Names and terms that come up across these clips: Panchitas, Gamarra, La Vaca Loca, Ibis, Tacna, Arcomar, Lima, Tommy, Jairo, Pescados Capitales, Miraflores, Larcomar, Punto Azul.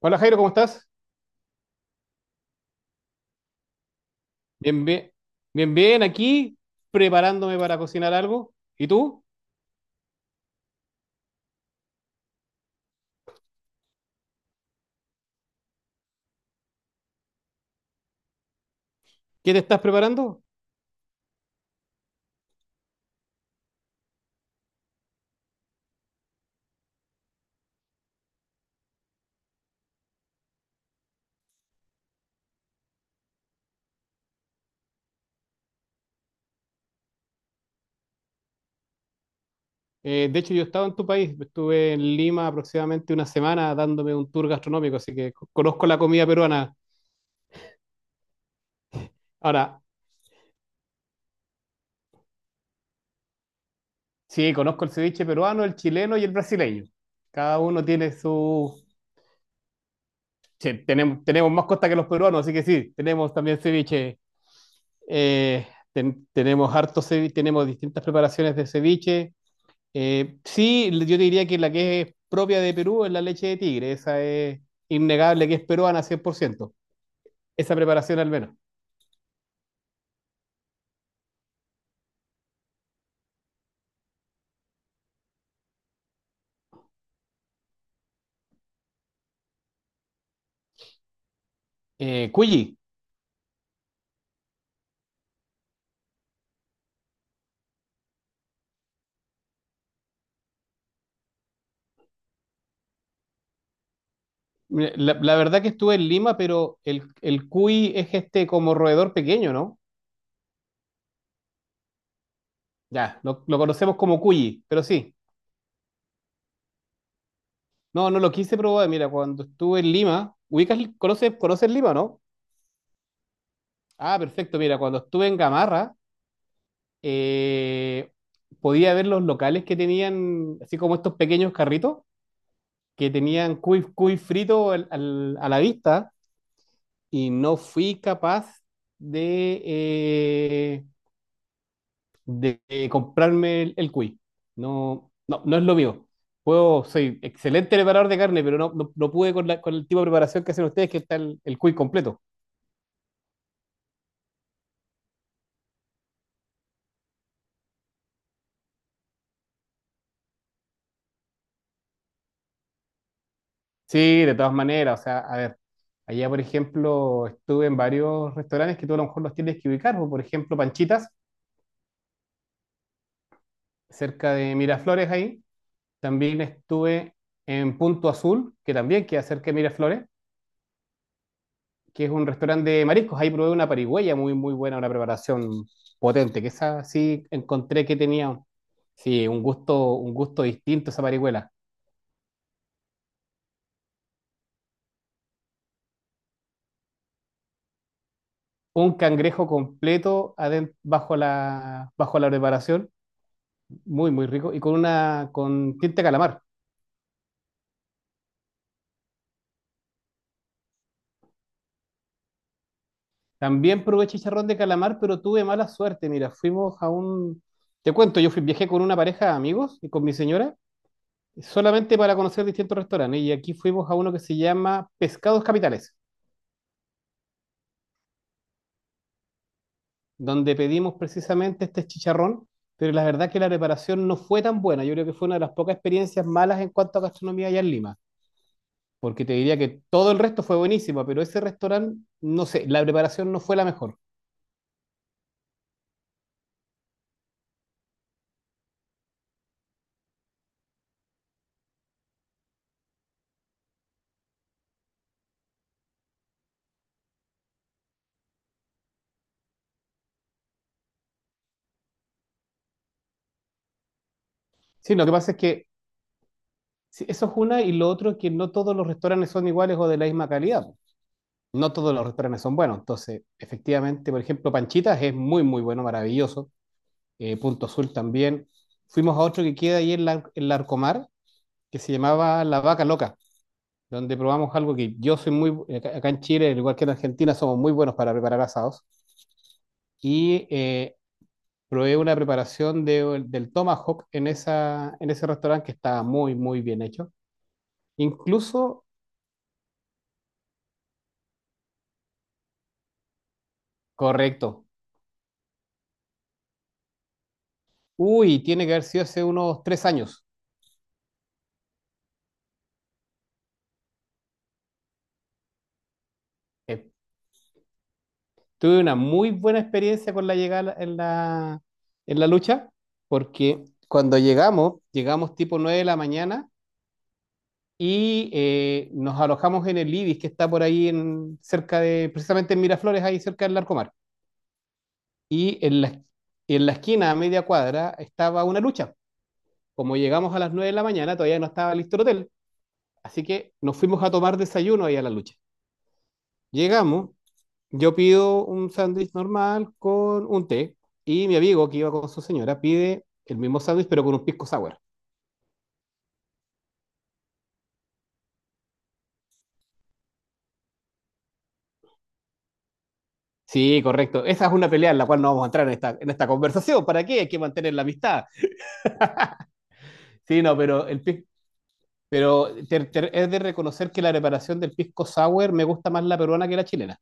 Hola Jairo, ¿cómo estás? Bien, bien, bien, bien, aquí preparándome para cocinar algo. ¿Y tú? ¿Qué te estás preparando? De hecho, yo estaba en tu país, estuve en Lima aproximadamente una semana dándome un tour gastronómico, así que conozco la comida peruana. Ahora, sí, conozco el ceviche peruano, el chileno y el brasileño. Cada uno tiene su... Che, tenemos más costa que los peruanos, así que sí, tenemos también ceviche. Eh, Tenemos harto ceviche, tenemos distintas preparaciones de ceviche. Sí, yo te diría que la que es propia de Perú es la leche de tigre, esa es innegable que es peruana 100%, esa preparación al menos. Cuyi, mira, la verdad que estuve en Lima, pero el cuy es este como roedor pequeño, ¿no? Ya, lo conocemos como cuyi, pero sí, no, no lo quise probar, mira, cuando estuve en Lima, ubicas, conoces Lima, ¿no? Ah, perfecto, mira, cuando estuve en Gamarra, eh, podía ver los locales que tenían, así como estos pequeños carritos que tenían cuy, cuy frito a la vista y no fui capaz de, eh, de comprarme el cuy. No, no, no es lo mío. Puedo, soy excelente preparador de carne, pero no, no, no pude con, con el tipo de preparación que hacen ustedes, que está el cuy completo. Sí, de todas maneras, o sea, a ver, allá por ejemplo estuve en varios restaurantes que tú a lo mejor los tienes que ubicar, o por ejemplo Panchitas, cerca de Miraflores ahí. También estuve en Punto Azul, que también queda cerca de Miraflores, que es un restaurante de mariscos. Ahí probé una parigüeya muy, muy buena, una preparación potente, que esa sí encontré que tenía, sí, un gusto distinto esa parihuela. Un cangrejo completo bajo la preparación, muy, muy rico, y con una, con tinta de calamar. También probé chicharrón de calamar, pero tuve mala suerte. Mira, fuimos a un, te cuento, yo fui, viajé con una pareja de amigos y con mi señora solamente para conocer distintos restaurantes. Y aquí fuimos a uno que se llama Pescados Capitales, donde pedimos precisamente este chicharrón, pero la verdad que la preparación no fue tan buena. Yo creo que fue una de las pocas experiencias malas en cuanto a gastronomía allá en Lima, porque te diría que todo el resto fue buenísimo, pero ese restaurante, no sé, la preparación no fue la mejor. Sí, lo que pasa es que sí, eso es una y lo otro es que no todos los restaurantes son iguales o de la misma calidad. No todos los restaurantes son buenos. Entonces, efectivamente, por ejemplo, Panchitas es muy, muy bueno, maravilloso. Punto Azul también. Fuimos a otro que queda ahí en la Arcomar, que se llamaba La Vaca Loca, donde probamos algo que yo soy muy, acá en Chile, al igual que en Argentina, somos muy buenos para preparar asados. Y eh, probé una preparación de, del tomahawk en, esa, en ese restaurante que estaba muy, muy bien hecho. Incluso, correcto. Uy, tiene que haber sido hace unos 3 años. Eh, tuve una muy buena experiencia con la llegada en la lucha, porque cuando llegamos, llegamos tipo 9 de la mañana y nos alojamos en el Ibis, que está por ahí en, cerca de, precisamente en Miraflores, ahí cerca del Larcomar. Y en la esquina, a media cuadra, estaba una lucha. Como llegamos a las 9 de la mañana, todavía no estaba listo el hotel, así que nos fuimos a tomar desayuno ahí a la lucha. Llegamos. Yo pido un sándwich normal con un té y mi amigo que iba con su señora pide el mismo sándwich pero con un pisco sour. Sí, correcto. Esa es una pelea en la cual no vamos a entrar en esta conversación. ¿Para qué? Hay que mantener la amistad. Sí, no, pero, pero es de reconocer que la preparación del pisco sour me gusta más la peruana que la chilena.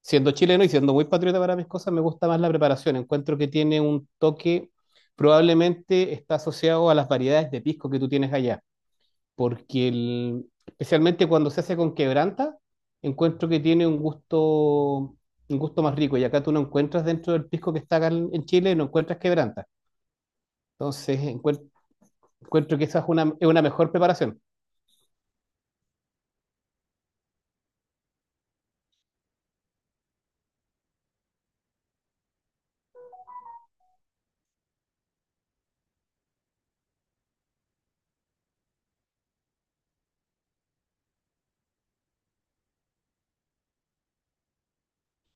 Siendo chileno y siendo muy patriota para mis cosas, me gusta más la preparación. Encuentro que tiene un toque, probablemente está asociado a las variedades de pisco que tú tienes allá, porque especialmente cuando se hace con quebranta, encuentro que tiene un gusto más rico. Y acá tú no encuentras dentro del pisco que está acá en Chile, no encuentras quebranta. Entonces encuentro que esa es una mejor preparación.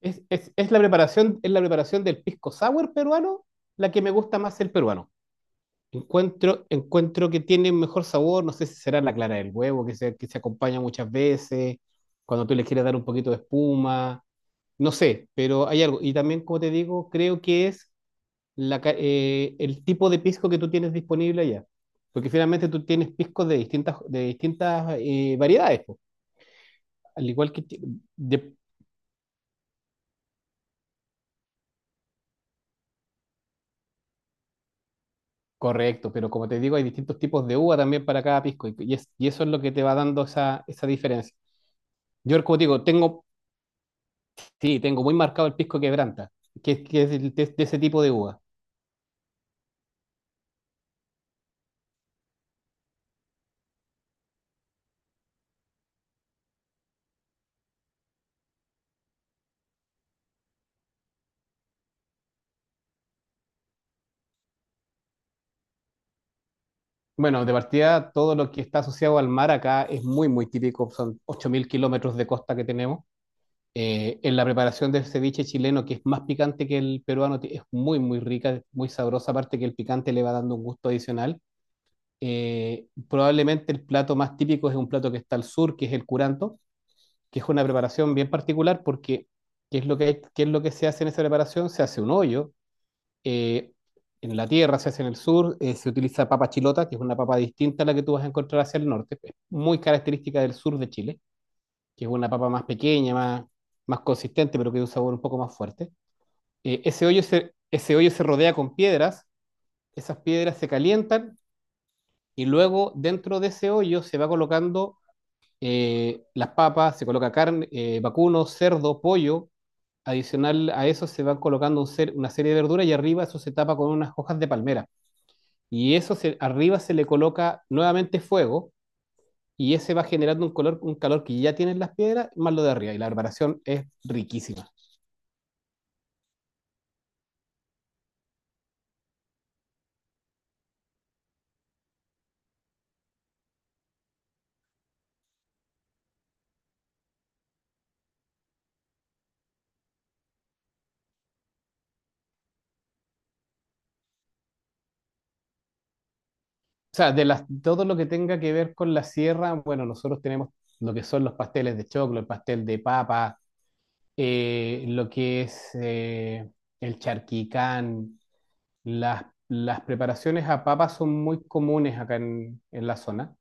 Es la preparación, es la preparación del pisco sour peruano la que me gusta más el peruano. Encuentro que tiene un mejor sabor, no sé si será la clara del huevo que se acompaña muchas veces, cuando tú le quieres dar un poquito de espuma. No sé, pero hay algo. Y también, como te digo, creo que es el tipo de pisco que tú tienes disponible allá. Porque finalmente tú tienes piscos de distintas variedades, po. Al igual que... ti- de- correcto, pero como te digo, hay distintos tipos de uva también para cada pisco. Y eso es lo que te va dando esa, esa diferencia. Yo, como te digo, tengo, sí, tengo muy marcado el pisco quebranta, que es de ese tipo de uva. Bueno, de partida, todo lo que está asociado al mar acá es muy, muy típico. Son 8.000 kilómetros de costa que tenemos. En la preparación del ceviche chileno, que es más picante que el peruano, es muy, muy rica, es muy sabrosa, aparte que el picante le va dando un gusto adicional. Probablemente el plato más típico es un plato que está al sur, que es el curanto, que es una preparación bien particular porque ¿qué es lo que, qué es lo que se hace en esa preparación? Se hace un hoyo eh, en la tierra, se hace en el sur, se utiliza papa chilota, que es una papa distinta a la que tú vas a encontrar hacia el norte, es muy característica del sur de Chile, que es una papa más pequeña, más, más consistente, pero que de un sabor un poco más fuerte. Ese, ese hoyo se rodea con piedras, esas piedras se calientan y luego dentro de ese hoyo se va colocando las papas, se coloca carne, vacuno, cerdo, pollo. Adicional a eso se van colocando una serie de verduras y arriba eso se tapa con unas hojas de palmera, y arriba se le coloca nuevamente fuego y ese va generando un color, un calor que ya tienen las piedras, más lo de arriba. Y la preparación es riquísima. O sea, todo lo que tenga que ver con la sierra, bueno, nosotros tenemos lo que son los pasteles de choclo, el pastel de papa, lo que es el charquicán, las preparaciones a papa son muy comunes acá en la zona,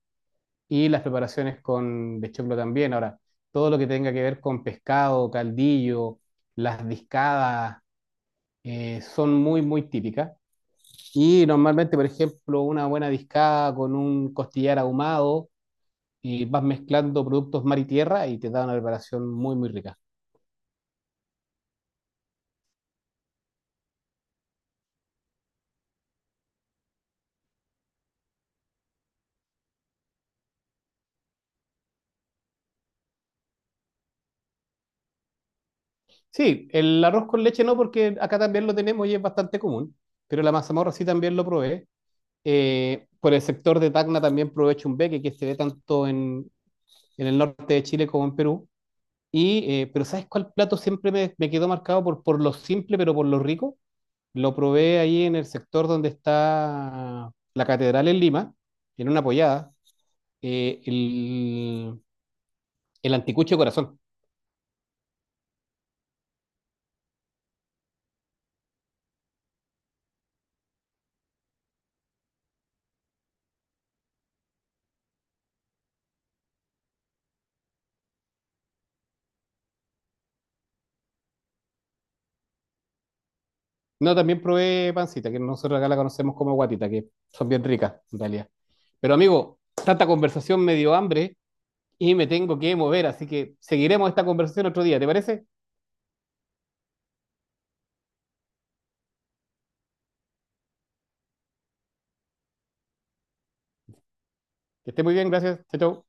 y las preparaciones con de choclo también. Ahora, todo lo que tenga que ver con pescado, caldillo, las discadas, son muy, muy típicas. Y normalmente, por ejemplo, una buena discada con un costillar ahumado y vas mezclando productos mar y tierra y te da una preparación muy, muy rica. Sí, el arroz con leche no, porque acá también lo tenemos y es bastante común, pero la mazamorra sí también lo probé. Por el sector de Tacna también provee beque que se ve tanto en el norte de Chile como en Perú. Y pero ¿sabes cuál plato siempre me, me quedó marcado por lo simple, pero por lo rico? Lo probé ahí en el sector donde está la catedral en Lima, en una pollada, eh, el, el anticucho de corazón. No, también probé pancita, que nosotros acá la conocemos como guatita, que son bien ricas en realidad. Pero amigo, tanta conversación me dio hambre y me tengo que mover, así que seguiremos esta conversación otro día, ¿te parece? Que esté muy bien, gracias. Chao, chao.